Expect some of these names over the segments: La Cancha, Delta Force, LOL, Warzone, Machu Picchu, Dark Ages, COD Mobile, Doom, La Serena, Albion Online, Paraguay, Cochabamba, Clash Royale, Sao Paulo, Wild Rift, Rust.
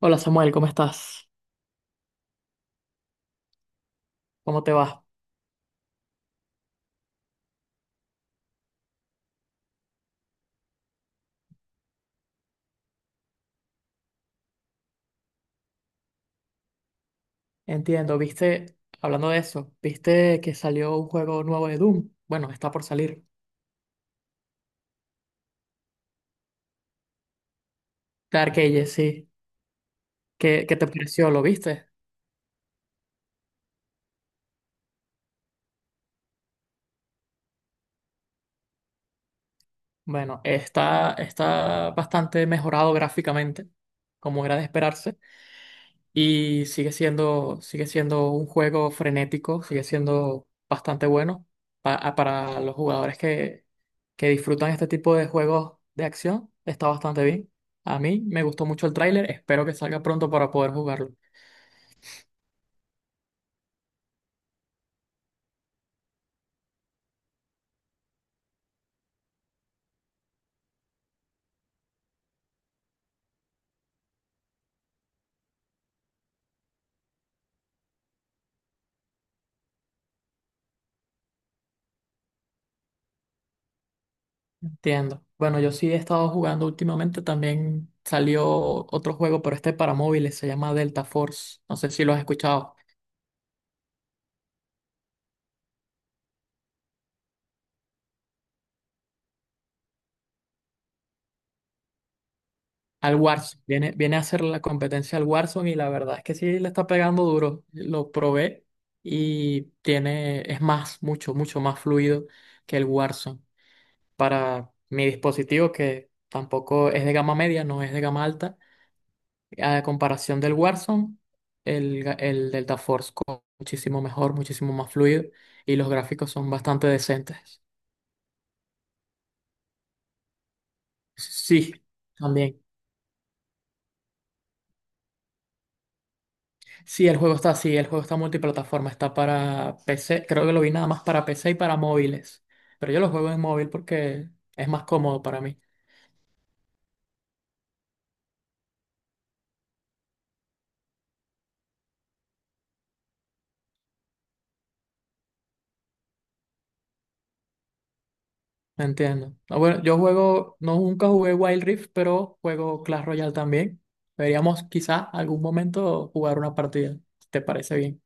Hola Samuel, ¿cómo estás? ¿Cómo te va? Entiendo, viste, hablando de eso, viste que salió un juego nuevo de Doom. Bueno, está por salir. Dark Ages, sí. ¿Qué te pareció? ¿Lo viste? Bueno, está bastante mejorado gráficamente, como era de esperarse. Y sigue siendo un juego frenético, sigue siendo bastante bueno para los jugadores que disfrutan este tipo de juegos de acción. Está bastante bien. A mí me gustó mucho el tráiler, espero que salga pronto para poder jugarlo. Entiendo. Bueno, yo sí he estado jugando últimamente, también salió otro juego, pero este para móviles, se llama Delta Force. No sé si lo has escuchado. Al Warzone. Viene, viene a hacer la competencia al Warzone y la verdad es que sí le está pegando duro. Lo probé y tiene, es más, mucho más fluido que el Warzone. Para mi dispositivo, que tampoco es de gama media, no es de gama alta, a comparación del Warzone, el Delta Force corre muchísimo mejor, muchísimo más fluido y los gráficos son bastante decentes. Sí, también. Sí, el juego está así, el juego está multiplataforma, está para PC, creo que lo vi nada más para PC y para móviles, pero yo lo juego en móvil porque es más cómodo para mí, ¿me entiendo? Ah, bueno, yo juego, no nunca jugué Wild Rift, pero juego Clash Royale también. Deberíamos quizá algún momento jugar una partida, si te parece bien.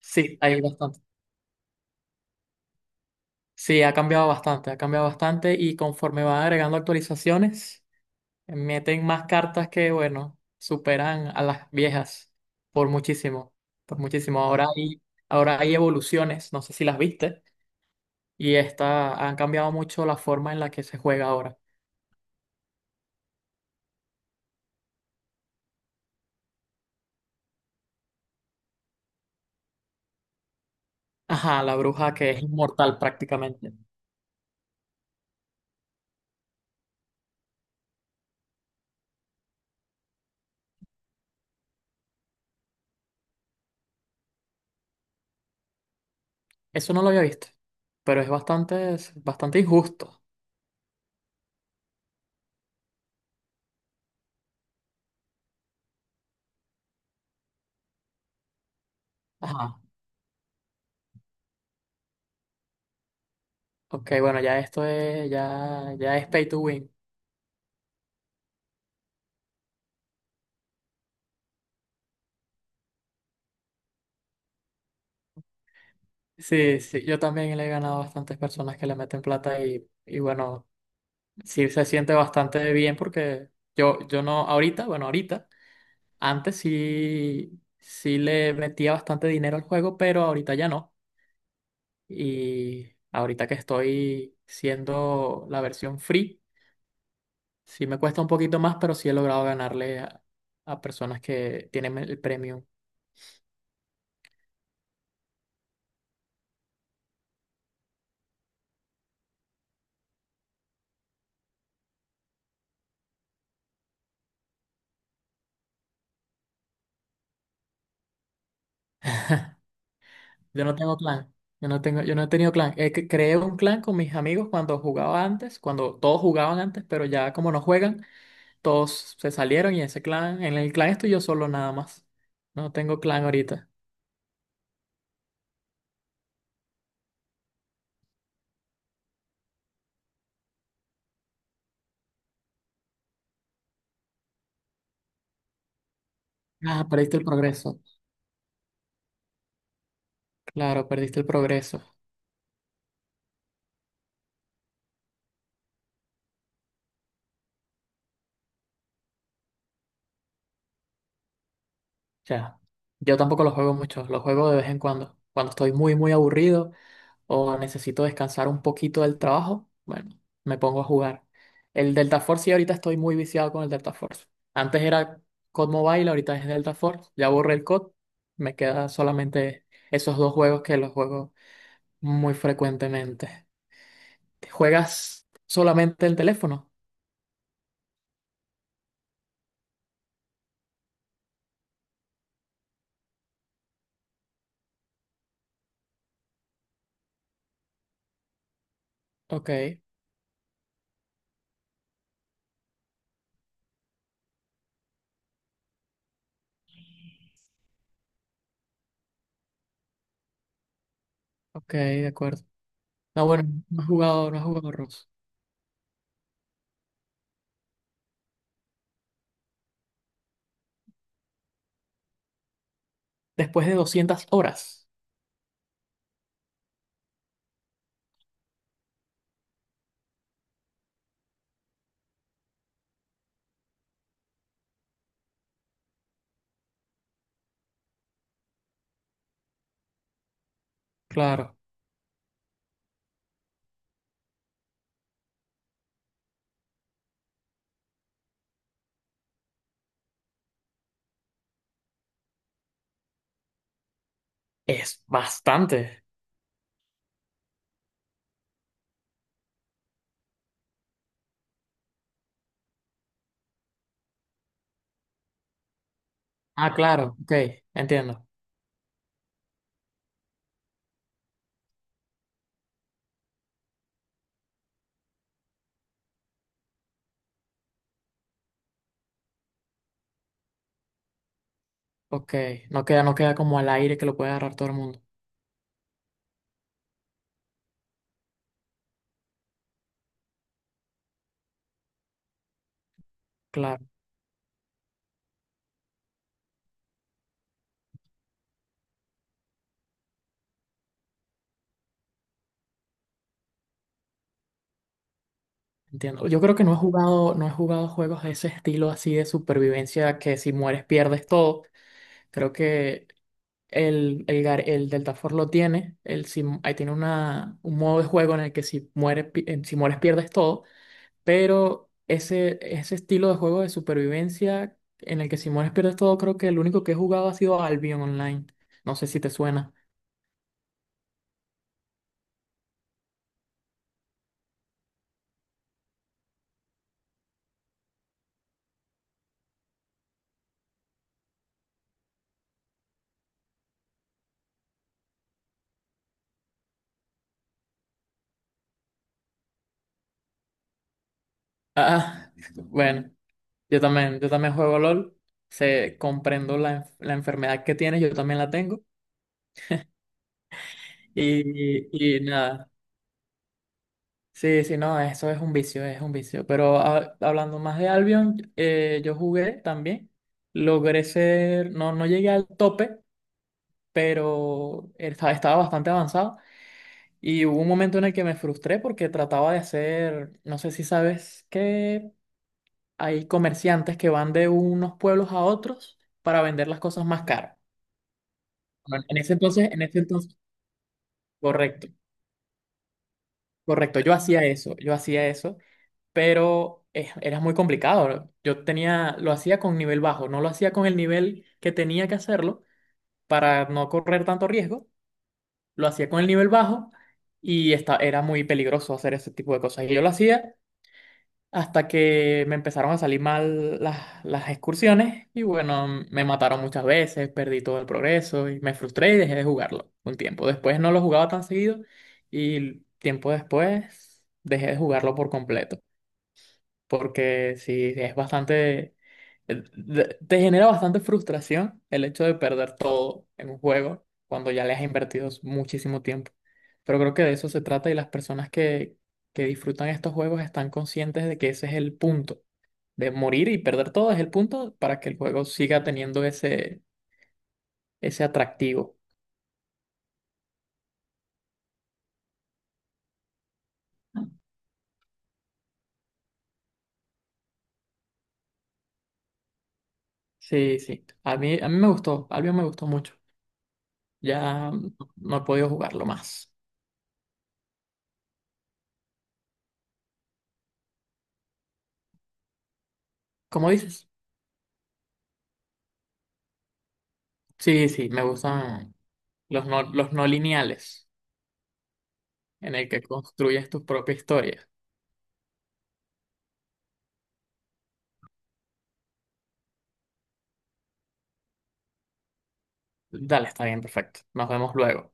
Sí, hay bastante. Sí, ha cambiado bastante y conforme van agregando actualizaciones. Meten más cartas que, bueno, superan a las viejas por muchísimo, por muchísimo. Ahora hay evoluciones, no sé si las viste, y esta, han cambiado mucho la forma en la que se juega ahora. Ajá, la bruja que es inmortal prácticamente. Eso no lo había visto, pero es bastante injusto. Ajá. Ok, bueno, ya esto es, ya, ya es pay to win. Sí, sí, yo también le he ganado a bastantes personas que le meten plata y bueno, sí se siente bastante bien porque yo no, ahorita, bueno, ahorita, antes sí, sí le metía bastante dinero al juego, pero ahorita ya no. Y ahorita que estoy siendo la versión free, sí me cuesta un poquito más, pero sí he logrado ganarle a personas que tienen el premium. Yo no tengo clan. Yo no tengo, yo no he tenido clan. Creé un clan con mis amigos cuando jugaba antes, cuando todos jugaban antes, pero ya como no juegan. Todos se salieron y ese clan, en el clan estoy yo solo nada más. No tengo clan ahorita. Ah, perdiste el progreso. Claro, perdiste el progreso. Ya. Yo tampoco lo juego mucho, lo juego de vez en cuando. Cuando estoy muy aburrido o necesito descansar un poquito del trabajo, bueno, me pongo a jugar. El Delta Force, sí, ahorita estoy muy viciado con el Delta Force. Antes era COD Mobile, ahorita es Delta Force. Ya borré el COD, me queda solamente esos dos juegos que los juego muy frecuentemente. ¿Juegas solamente el teléfono? Ok, ok, de acuerdo. No, bueno, no has jugado, no has jugado Rust. Después de 200 horas. Claro, es bastante. Ah, claro, ok, entiendo. Ok, no queda, no queda como al aire que lo puede agarrar todo el mundo. Claro, entiendo. Yo creo que no he jugado, no he jugado juegos de ese estilo así de supervivencia que si mueres pierdes todo. Creo que el Deltaforce lo tiene, el, si, ahí tiene una, un modo de juego en el que si, si mueres pierdes todo, pero ese estilo de juego de supervivencia en el que si mueres pierdes todo, creo que el único que he jugado ha sido Albion Online. No sé si te suena. Ah, bueno, yo también juego LOL, sé, comprendo la enfermedad que tienes, yo también la tengo, y, y nada. Sí, sí, no, eso es un vicio, es un vicio. Pero hablando más de Albion, yo jugué también. Logré ser, no, no llegué al tope, pero estaba bastante avanzado. Y hubo un momento en el que me frustré porque trataba de hacer, no sé si sabes que hay comerciantes que van de unos pueblos a otros para vender las cosas más caras. Bueno, en ese entonces, correcto, correcto. Yo hacía eso, yo hacía eso, pero era muy complicado. Yo tenía, lo hacía con nivel bajo, no lo hacía con el nivel que tenía que hacerlo para no correr tanto riesgo, lo hacía con el nivel bajo y esta, era muy peligroso hacer ese tipo de cosas. Y yo lo hacía hasta que me empezaron a salir mal las excursiones y bueno, me mataron muchas veces, perdí todo el progreso y me frustré y dejé de jugarlo un tiempo. Después no lo jugaba tan seguido y tiempo después dejé de jugarlo por completo porque sí, es bastante, te genera bastante frustración el hecho de perder todo en un juego cuando ya le has invertido muchísimo tiempo. Pero creo que de eso se trata y las personas que disfrutan estos juegos están conscientes de que ese es el punto, de morir y perder todo es el punto para que el juego siga teniendo ese, ese atractivo. Sí, sí, a mí me gustó, Albion me gustó mucho. Ya no he podido jugarlo más. ¿Cómo dices? Sí, sí, me gustan. Los no lineales, en el que construyes tu propia historia. Dale, está bien, perfecto. Nos vemos luego.